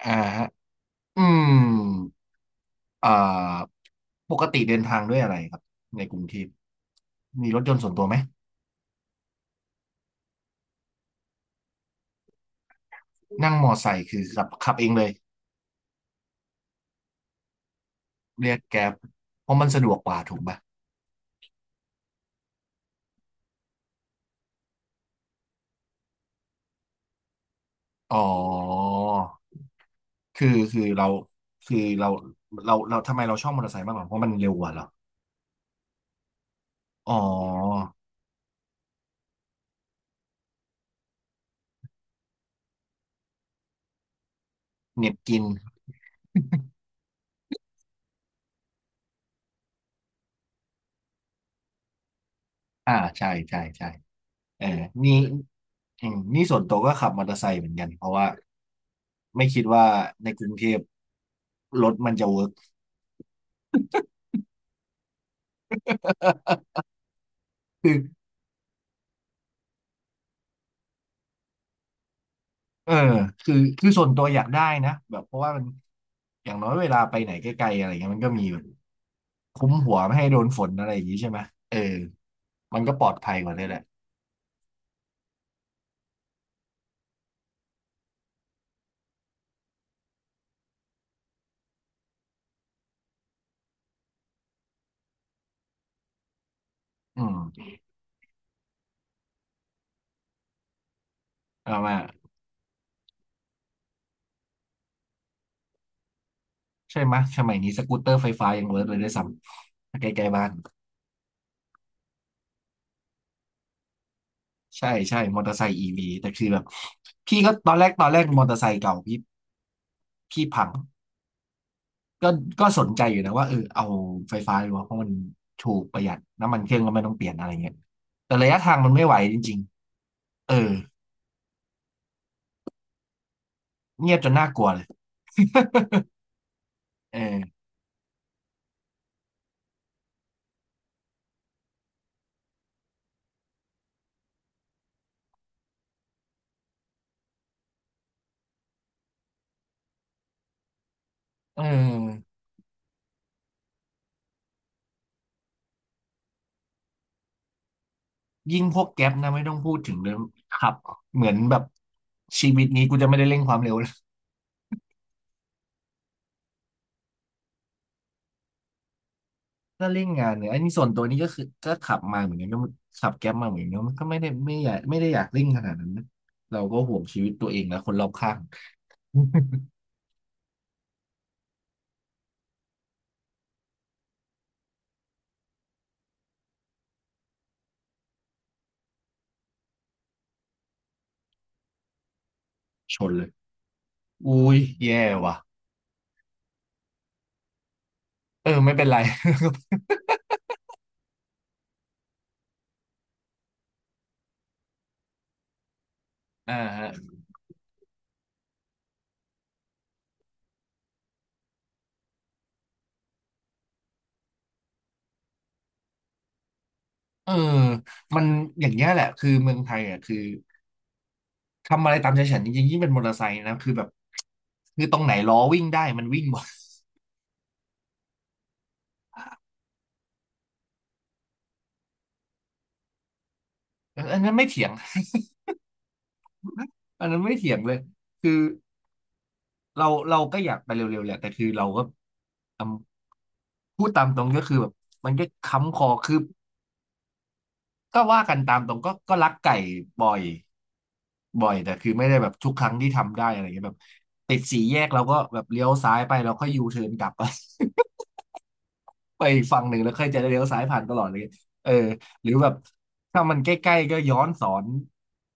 อ่าฮะอืมอ่าปกติเดินทางด้วยอะไรครับในกรุงเทพมีรถยนต์ส่วนตัวไหม นั่งมอไซค์คือขับเองเลย เรียกแกร็บเพราะมันสะดวกกว่าถูกปะอ๋อคือเราคือเราเราทำไมเราชอบมอเตอร์ไซค์มากกว่าเพราะมันเร็วกว่าเหรออ๋อเหน็บกินอ่าใช่ใช่ใช่เออนี่อืมนี่ส่วนตัวก็ขับมอเตอร์ไซค์เหมือนกัน เพราะว่าไม่คิดว่าในกรุงเทพรถมันจะเวิร์ก คือเออคือส่วนตัวอยากได้นะแบบเพราะว่ามันอย่างน้อยเวลาไปไหนไกลๆอะไรเงี้ยมันก็มีแบบคุ้มหัวไม่ให้โดนฝนอะไรอย่างงี้ใช่ไหมเออมันก็ปลอดภัยกว่าด้วยแหละอืมเอามาใช่ไหมยสมัยนี้สกูตเตอร์ไฟฟ้ายังเวิร์กเลยด้วยซ้ำใกล้ๆบ้านใช่ใช่มอเตอร์ไซค์อีวีแต่คือแบบพี่ก็ตอนแรกมอเตอร์ไซค์เก่าพี่พี่พัง ก็ก็สนใจอยู่นะว่าเออเอาไฟฟ้าดีกว่าเพราะมันถูกประหยัดน้ำมันเครื่องก็ไม่ต้องเปลี่ยนอะไรเงี้ยแต่ระยะทางมันไม่ไหวจริงๆเออเงียบจนน่ากลัวเลยเออเออยิ่งพวกแก๊ปนะไม่ต้องพูดถึงเลยครับเหมือนแบบชีวิตนี้กูจะไม่ได้เร่งความเร็วแล้วถ้าเร่งงานเนี่ยอันนี้ส่วนตัวนี้ก็คือก็ขับมาเหมือนกันก็ขับแก๊ปมาเหมือนกันมันก็ไม่ได้ไม่อยากไม่ได้อยากเร่งขนาดนั้นนะเราก็ห่วงชีวิตตัวเองและคนรอบข้าง ชนเลยอุ้ยแย่ว่ะเออไม่เป็นไร อ่าฮะเออมันอย่างเงี้ยแหละคือเมืองไทยอ่ะคือทำอะไรตามใจฉันจริงๆยิ่งเป็นมอเตอร์ไซค์นะคือแบบคือตรงไหนล้อวิ่งได้มันวิ่งหมด เอออันนั้นไม่เถียงอันนั้นไม่เถียงเลยคือเราก็อยากไปเร็วๆแหละแต่คือเราก็ทำพูดตามตรงก็คือแบบมันก็ค้ำคอคือก็ว่ากันตามตรงก็รักไก่บ่อยบ่อยแต่คือไม่ได้แบบทุกครั้งที่ทำได้อะไรเงี้ยแบบติดสี่แยกเราก็แบบเลี้ยวซ้ายไปเราก็ยูเทิร์นกลับ ไปอีกฝั่งหนึ่งแล้วค่อยจะเลี้ยวซ้ายผ่านตลอดเลยเออหรือแบบถ้ามันใกล้ๆก็ย้อนสอน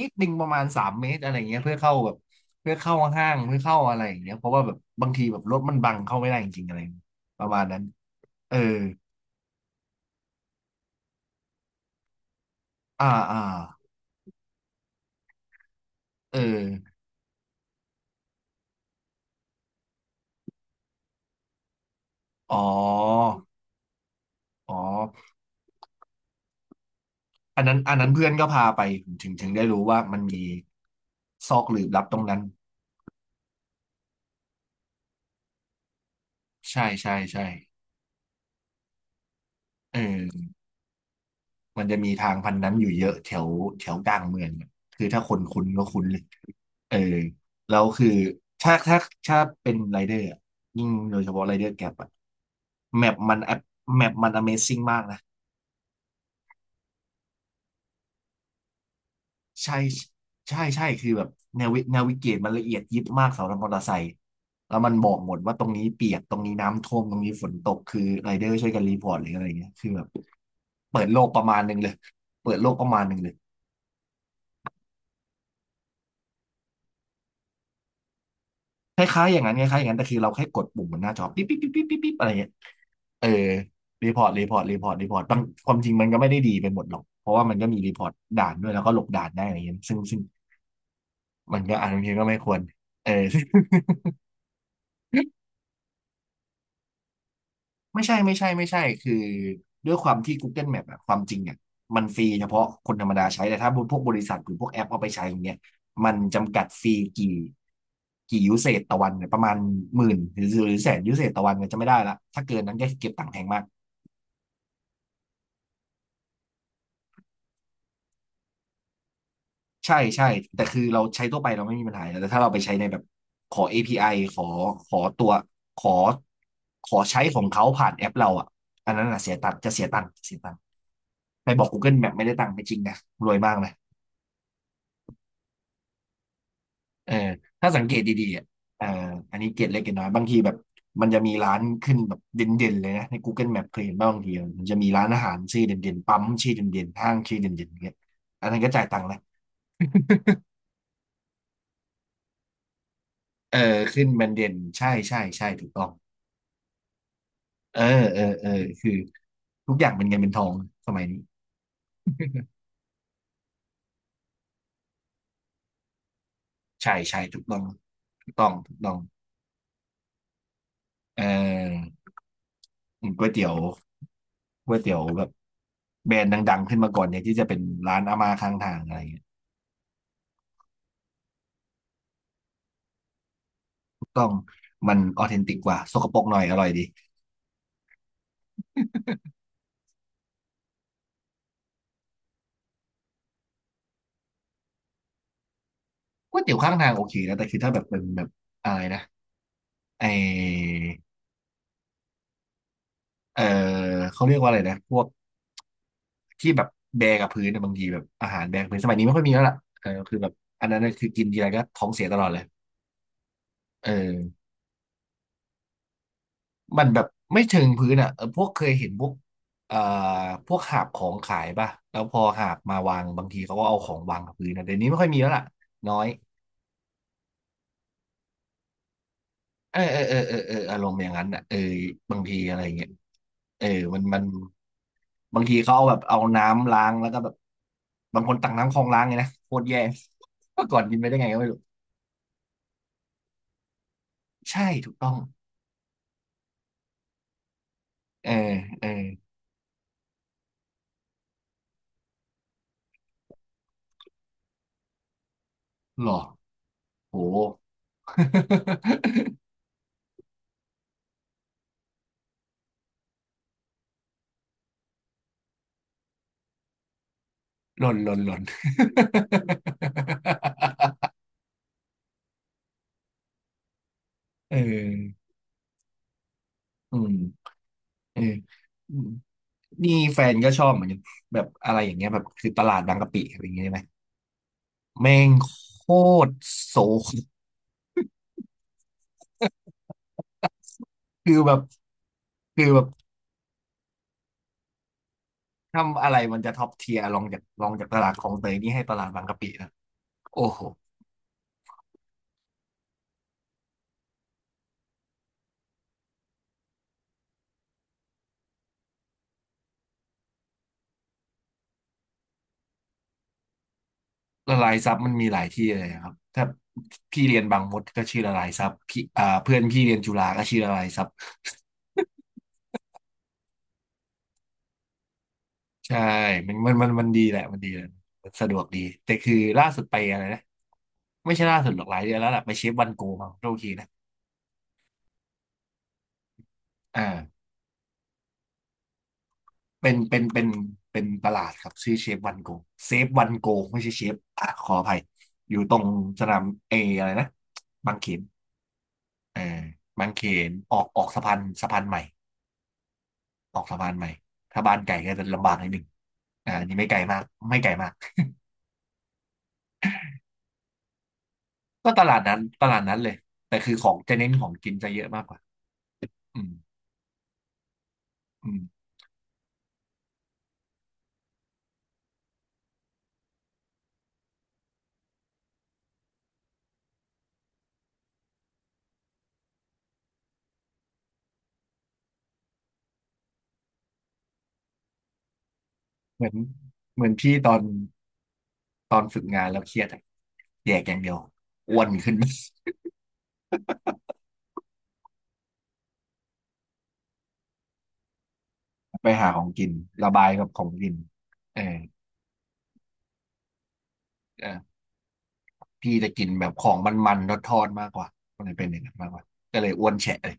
นิดนึงประมาณสามเมตรอะไรเงี้ยเพื่อเข้าห้างเพื่อเข้าอะไรอย่างเงี้ยเพราะว่าแบบบางทีแบบรถมันบังเข้าไม่ได้จริงๆอะไรประมาณนั้นเอออ่าอ่าเอออ๋ออ๋ออันนั้นเพื่อนก็พาไปผมถึงได้รู้ว่ามันมีซอกหลืบลับตรงนั้นใช่ใช่ใช่เออ มันจะมีทางพันนั้นอยู่เยอะแถวแถวกลางเมืองอะคือถ้าคนคุ้นก็คุ้นเลยเออแล้วคือ ถ้าถ้าเป็นไรเดอร์อะยิ่งโดยเฉพาะไรเดอร์แกร็บอะแมปมันแมปมัน Amazing มากนะ ใช่ใช่ใช่คือแบบแนวิเกตมันละเอียดยิบมากสำหรับมอเตอร์ไซค์แล้วมันบอกหมดว่าตรงนี้เปียกตรงนี้น้ำท่วมตรงนี้ฝนตก คือไรเดอร์ช่วยกันรีพอร์ตหรืออะไรเงี้ยคือแบบเปิดโลกประมาณหนึ่งเลยเปิดโลกประมาณหนึ่งเลย คล้ายๆอย่างนั้นคล้ายๆอย่างนั้นแต่คือเราแค่กดปุ่มบนหน้าจอปิ๊บปิ๊บปิ๊บปิ๊บปิ๊บปิ๊บอะไรเงี้ยเออรีพอร์ตรีพอร์ตรีพอร์ตรีพอร์ตบางความจริงมันก็ไม่ได้ดีไปหมดหรอก เพราะว่ามันก็มีรีพอร์ตด่านด้วยแล้วก็หลบด่านได้อะไรเงี้ยซึ่งมันก็อ่านบางทีก็ไม่ควรเออ ไม่ใช่คือด้วยความที่ Google Map อะความจริงเนี่ยมันฟรีเฉพาะคนธรรมดาใช้แต่ถ้าพวกบริษัทหรือพวกแอปเอาไปใช้อย่างเงี้ยมันจำกัดฟรีกี่กี่ยูเซจต่อวันเนี่ยประมาณหมื่นหรือแสนยูเซตต่อวันเนี่ยจะไม่ได้ละถ้าเกินนั้นก็เก็บตังค์แพงมาก ใช่ใช่แต่คือเราใช้ทั่วไปเราไม่มีปัญหาอยู่แล้วแต่ถ้าเราไปใช้ในแบบขอ API ขอขอตัวขอขอใช้ของเขาผ่านแอปเราอ่ะอันนั้นอ่ะเสียตังค์จะเสียตังค์เสียตังค์ไปบอก Google Map ไม่ได้ตังค์ไม่จริงนะรวยมากนะเออถ้าสังเกตดีๆอ่ะเอออันนี้เกร็ดเล็กเกร็ดน้อยบางทีแบบมันจะมีร้านขึ้นแบบเด่นๆเลยนะใน Google Map เคยเห็นบ้างบางทีมันจะมีร้านอาหารชื่อเด่นๆปั๊มชื่อเด่นๆห้างชื่อเด่นๆอย่างเงี้ยอันนั้นก็จ่ายตังค์นะเออขึ้นแบรนด์เด่นใช่ใช่ใช่ถูกต้อง เออเออเออคือทุกอย่างเป็นเงินเป็นทองสมัยนี้ ใช่ใช่ถูกต้องถูกต้องถูกต้องเออก๋วยเตี๋ยวก๋วยเตี๋ยวแบบแบรนด์ดังๆขึ้นมาก่อนเนี่ยที่จะเป็นร้านอาม่าข้างทางอะไรเงี้ยถูกต้องมันออเทนติกกว่าสกปรกหน่อยอร่อยดีก๋วยเตี๋ยวข้างทางโอเคนะแต่คือถ้าแบบเป็นแบบอะไรนะไอเออเขาเรียกว่าอะไรนะพวกที่แบบแบกกับพื้นนะบางทีแบบอาหารแบกกับพื้นสมัยนี้ไม่ค่อยมีแล้วล่ะเออคือแบบอันนั้นน่ะคือกินทีไรก็ท้องเสียตลอดเลยเออ มันแบบไม่เชิงพื้นอ่ะเออพวกเคยเห็นพวกเอ่อพวกหาบของขายป่ะแล้วพอหาบมาวางบางทีเขาก็เอาของวางกับพื้นนะเดี๋ยวนี้ไม่ค่อยมีแล้วล่ะน้อยเออเออเออเออเอออารมณ์อย่างนั้นอ่ะเออบางทีอะไรเงี้ยเออมันบางทีเขาเอาแบบเอาน้ำล้างแล้วก็แบบบางคนตักน้ำคลองล้างไงนะโคตรแย่ เมื่อก่อนกินไปได้ไงก็ไม่รู้ใช่ถูกต้องเออเออหรอโห หล่นหล่นหล่น เอออืมเอออืมนี่แฟนก็ชอบเหมือนกันแบบอะไรอย่างเงี้ยแบบคือตลาดบางกะปิอะไรอย่างเงี้ยใช่ไหมแม่งโคตรโศก คือแบบคือแบบทำอะไรมันจะท็อปเทียร์ลองจากตลาดคลองเตยนี่ให้ตลาดบางกะปินะโอ้โหละลายซับมันมีหลายที่เลยครับถ้าพี่เรียนบางมดก็ชื่อละลายซับพี่อ่าเพื่อนพี่เรียนจุฬาก็ชื่อละลายซับ ใช่มันดีแหละมันดีแหละมันสะดวกดี แต่คือล่าสุดไปอะไรนะไม่ใช่ล่าสุดหรอกหลายเดือนแล้วล่ะไปเชฟวันโกมาโทษทีนะอ่าเป็นเป็นตลาดครับชื่อเชฟวันโกเซฟวันโกไม่ใช่เชฟอ่ะขออภัย อยู่ตรงสนามเออะไรนะบางเขนเออบางเขน ออกออกสะพานสะพานใหม่ออกสะพานใหม่ ถ้าบ้านไก่ก็จะลำบากนิดนึงอ่าอันนี่ไม่ไกลมากไม่ไกลมากก็ตลาดนั้นตลาดนั้นเลย แต่คือของจะเน้นของกินจะเยอะมากกว่าอืมอืม เหมือนเหมือนพี่ตอนฝึกงานแล้วเครียดอะแยกอย่างเดียวอ้วนขึ้น ไปหาของกินระบายกับของกินเออเออพี่จะกินแบบของมันๆทอดๆมากกว่าก็เลยเป็นอย่างนั้นมากกว่าก็เลยอ้วนแฉะเลย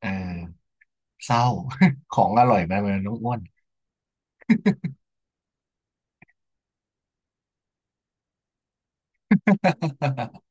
เออเศร้า ของอร่อยมันต้องอ้วน